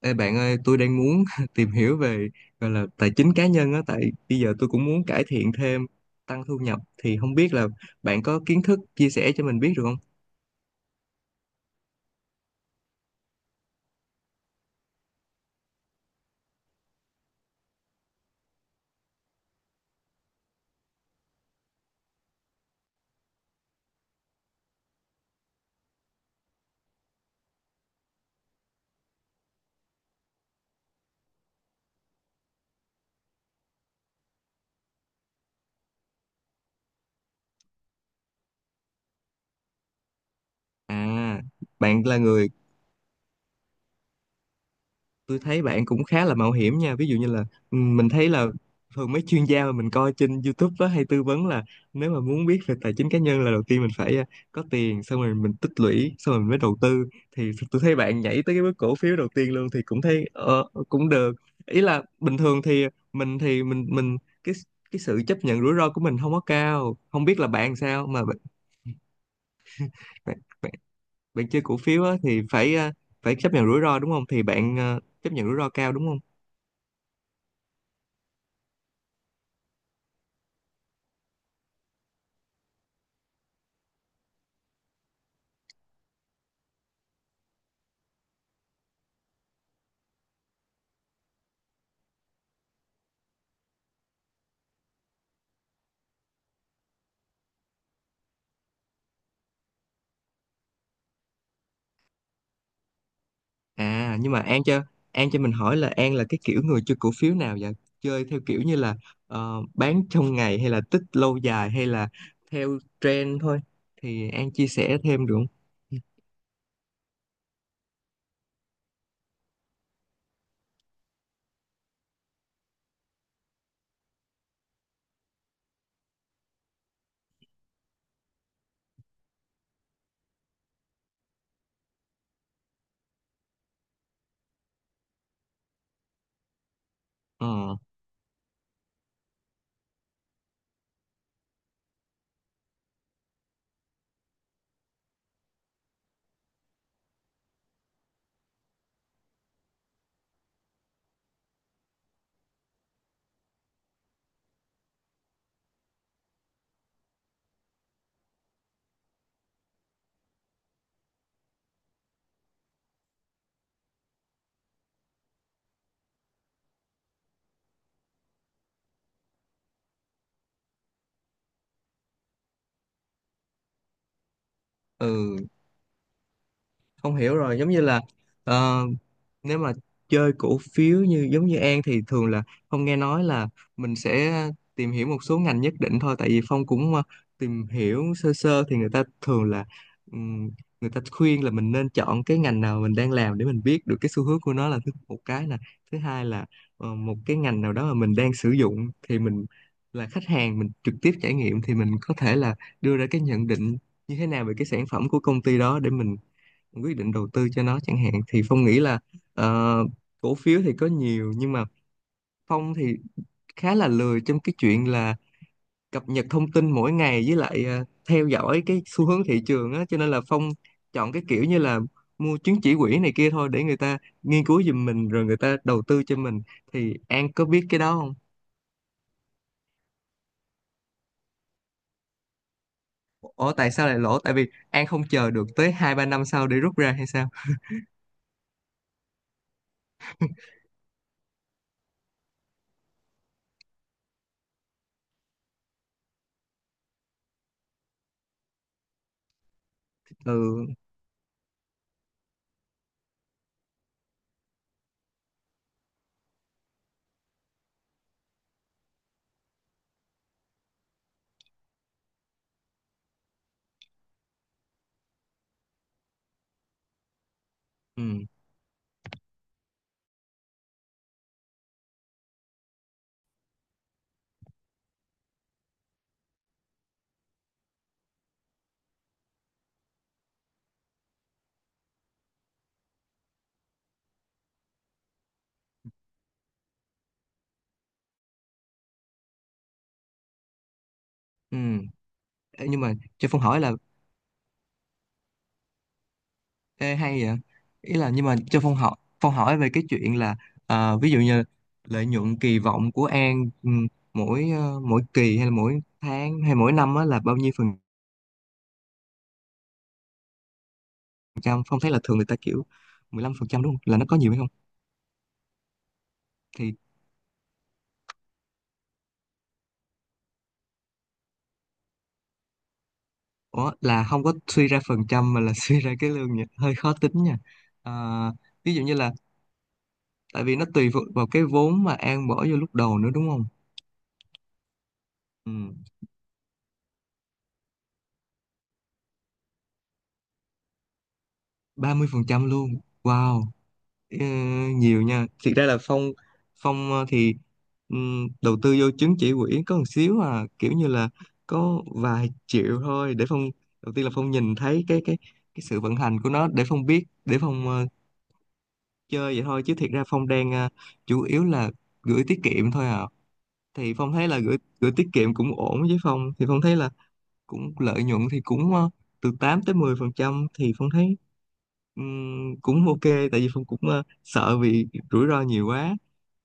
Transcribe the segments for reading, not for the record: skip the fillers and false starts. Ê bạn ơi, tôi đang muốn tìm hiểu về gọi là tài chính cá nhân á, tại bây giờ tôi cũng muốn cải thiện thêm, tăng thu nhập thì không biết là bạn có kiến thức chia sẻ cho mình biết được không? À, bạn là người tôi thấy bạn cũng khá là mạo hiểm nha, ví dụ như là ừ, mình thấy là thường mấy chuyên gia mà mình coi trên YouTube á, hay tư vấn là nếu mà muốn biết về tài chính cá nhân là đầu tiên mình phải có tiền, xong rồi mình tích lũy, xong rồi mình mới đầu tư. Thì tôi thấy bạn nhảy tới cái bước cổ phiếu đầu tiên luôn thì cũng thấy cũng được. Ý là bình thường thì mình cái cái sự chấp nhận rủi ro của mình không có cao, không biết là bạn sao mà bạn, bạn, bạn chơi cổ phiếu á, thì phải phải chấp nhận rủi ro đúng không, thì bạn chấp nhận rủi ro cao đúng không? À nhưng mà An cho mình hỏi là An là cái kiểu người chơi cổ phiếu nào vậy? Chơi theo kiểu như là bán trong ngày, hay là tích lâu dài, hay là theo trend thôi? Thì An chia sẻ thêm được không? Ờ, ừ, không hiểu rồi, giống như là ờ, nếu mà chơi cổ phiếu như giống như An thì thường là Phong nghe nói là mình sẽ tìm hiểu một số ngành nhất định thôi, tại vì Phong cũng tìm hiểu sơ sơ thì người ta thường là ừm, người ta khuyên là mình nên chọn cái ngành nào mình đang làm để mình biết được cái xu hướng của nó, là thứ một cái nè. Thứ hai là một cái ngành nào đó mà mình đang sử dụng thì mình là khách hàng, mình trực tiếp trải nghiệm thì mình có thể là đưa ra cái nhận định như thế nào về cái sản phẩm của công ty đó để mình quyết định đầu tư cho nó chẳng hạn. Thì Phong nghĩ là ờ, cổ phiếu thì có nhiều, nhưng mà Phong thì khá là lười trong cái chuyện là cập nhật thông tin mỗi ngày, với lại theo dõi cái xu hướng thị trường á, cho nên là Phong chọn cái kiểu như là mua chứng chỉ quỹ này kia thôi, để người ta nghiên cứu giùm mình rồi người ta đầu tư cho mình. Thì An có biết cái đó không? Ủa tại sao lại lỗ? Tại vì An không chờ được tới 2 3 năm sau để rút ra hay sao? Ừ ừ ừ nhưng mà cho Phong hỏi là Ê, hay vậy. Ý là nhưng mà cho Phong hỏi về cái chuyện là ví dụ như lợi nhuận kỳ vọng của An, ừ, mỗi mỗi kỳ hay là mỗi tháng hay mỗi năm á là bao nhiêu phần trăm? Phong thấy là thường người ta kiểu 15 phần trăm đúng không, là nó có nhiều hay không. Thì ủa, là không có suy ra phần trăm mà là suy ra cái lương nha, hơi khó tính nha. Ờ, ví dụ như là tại vì nó tùy thuộc vào cái vốn mà An bỏ vô lúc đầu nữa đúng không. Ừ, 30 phần trăm luôn, wow. Ờ, nhiều nha. Thiệt ra là Phong Phong thì đầu tư vô chứng chỉ quỹ có một xíu à, kiểu như là có vài triệu thôi để đầu tiên là Phong nhìn thấy cái cái sự vận hành của nó, để Phong biết, để Phong chơi vậy thôi, chứ thiệt ra Phong đang chủ yếu là gửi tiết kiệm thôi à. Thì Phong thấy là gửi gửi tiết kiệm cũng ổn, với Phong thì Phong thấy là cũng lợi nhuận thì cũng từ 8 tới 10 phần trăm thì Phong thấy ừm, cũng ok, tại vì Phong cũng sợ vì rủi ro nhiều quá.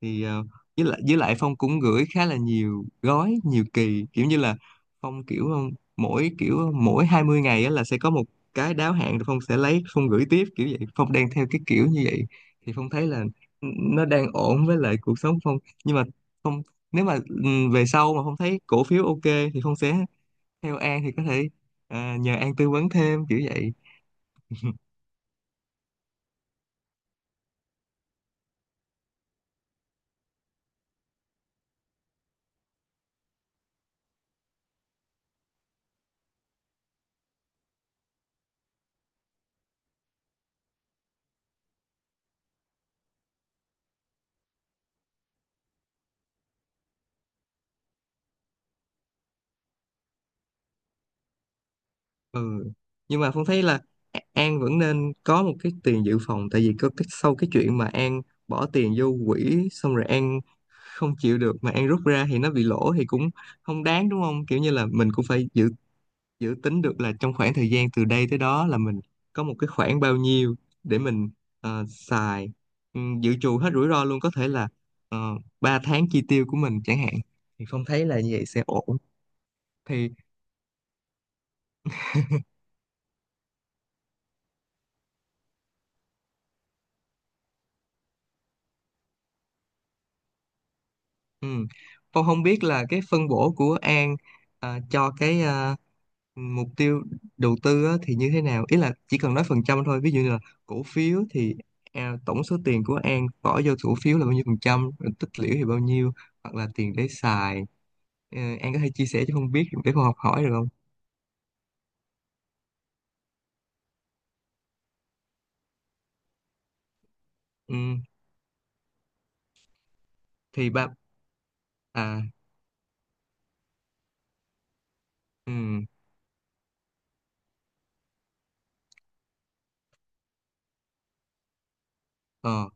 Thì ờ, với lại Phong cũng gửi khá là nhiều gói, nhiều kỳ, kiểu như là Phong kiểu mỗi kiểu mỗi 20 ngày á là sẽ có một cái đáo hạn, rồi Phong sẽ lấy, Phong gửi tiếp, kiểu vậy. Phong đang theo cái kiểu như vậy. Thì Phong thấy là nó đang ổn với lại cuộc sống Phong. Nhưng mà Phong, nếu mà về sau mà Phong thấy cổ phiếu ok thì Phong sẽ theo An, thì có thể nhờ An tư vấn thêm kiểu vậy. Ừ, nhưng mà Phong thấy là An vẫn nên có một cái tiền dự phòng, tại vì có cái sau cái chuyện mà An bỏ tiền vô quỹ xong rồi An không chịu được mà An rút ra thì nó bị lỗ thì cũng không đáng đúng không, kiểu như là mình cũng phải dự dự tính được là trong khoảng thời gian từ đây tới đó là mình có một cái khoản bao nhiêu để mình xài, ừ, dự trù hết rủi ro luôn, có thể là 3 tháng chi tiêu của mình chẳng hạn. Thì Phong thấy là như vậy sẽ ổn. Thì ừ. Tôi không biết là cái phân bổ của An cho cái mục tiêu đầu tư á, thì như thế nào? Ý là chỉ cần nói phần trăm thôi. Ví dụ như là cổ phiếu thì à, tổng số tiền của An bỏ vô cổ phiếu là bao nhiêu phần trăm, rồi tích lũy thì bao nhiêu, hoặc là tiền để xài. Ờ, An có thể chia sẻ cho không biết để con học hỏi được không? Ừ. Thì ba, à, ừ, ờ,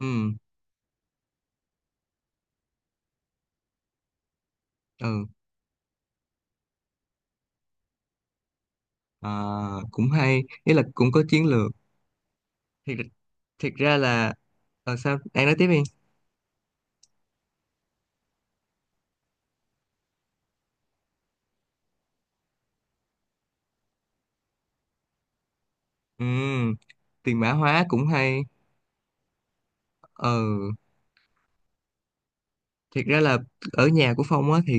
ừ, ừ, à, cũng hay, ý là cũng có chiến lược thiệt. Thiệt ra là ờ, sao An nói tiếp đi. Ừ, tiền mã hóa cũng hay. Ờ, thiệt ra là ở nhà của Phong á thì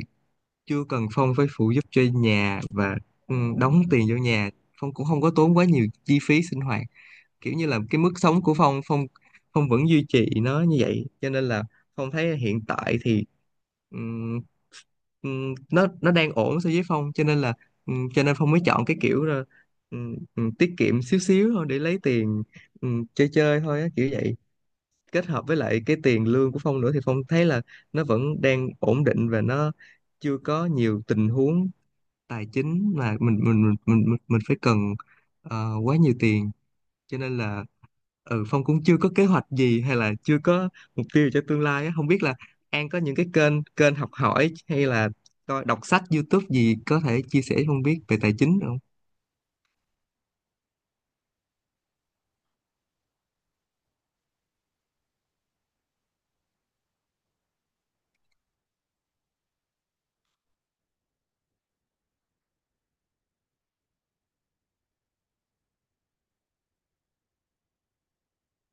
chưa cần Phong phải phụ giúp cho nhà và ừ, đóng tiền vô nhà. Phong cũng không có tốn quá nhiều chi phí sinh hoạt, kiểu như là cái mức sống của Phong Phong Phong vẫn duy trì nó như vậy, cho nên là Phong thấy hiện tại thì ừm, nó đang ổn so với Phong, cho nên là cho nên Phong mới chọn cái kiểu là tiết kiệm xíu xíu thôi để lấy tiền chơi chơi thôi á, kiểu vậy, kết hợp với lại cái tiền lương của Phong nữa. Thì Phong thấy là nó vẫn đang ổn định, và nó chưa có nhiều tình huống tài chính mà mình phải cần quá nhiều tiền, cho nên là ừ Phong cũng chưa có kế hoạch gì hay là chưa có mục tiêu cho tương lai á. Không biết là An có những cái kênh kênh học hỏi hay là coi đọc sách YouTube gì có thể chia sẻ cho Phong biết về tài chính được không?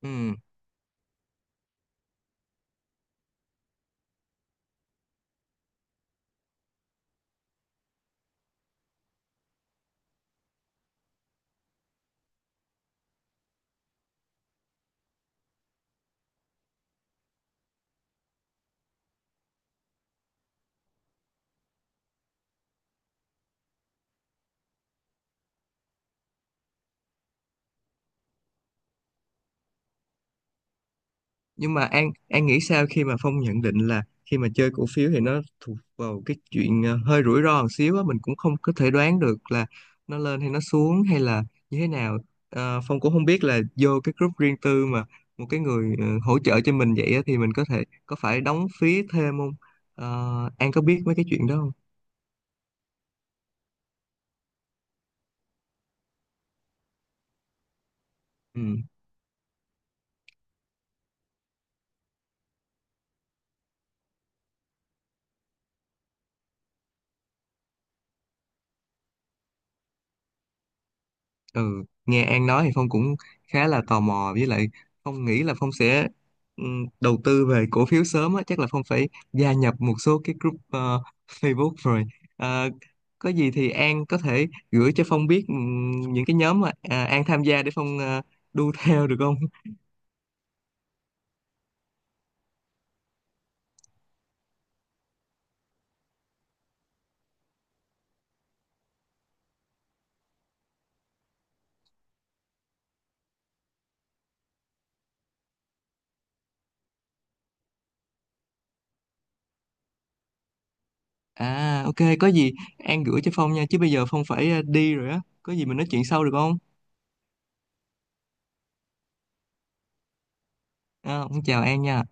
Ừ, nhưng mà An nghĩ sao khi mà Phong nhận định là khi mà chơi cổ phiếu thì nó thuộc vào cái chuyện hơi rủi ro một xíu á, mình cũng không có thể đoán được là nó lên hay nó xuống hay là như thế nào. Ờ, Phong cũng không biết là vô cái group riêng tư mà một cái người hỗ trợ cho mình vậy á, thì mình có thể có phải đóng phí thêm không. Ờ, An có biết mấy cái chuyện đó không? Ừ. Ừ, nghe An nói thì Phong cũng khá là tò mò, với lại Phong nghĩ là Phong sẽ đầu tư về cổ phiếu sớm á, chắc là Phong phải gia nhập một số cái group Facebook rồi. Ờ, có gì thì An có thể gửi cho Phong biết những cái nhóm mà à, An tham gia, để Phong đu theo được không? À ok, có gì An gửi cho Phong nha, chứ bây giờ Phong phải đi rồi á, có gì mình nói chuyện sau được không? À, Phong chào An nha.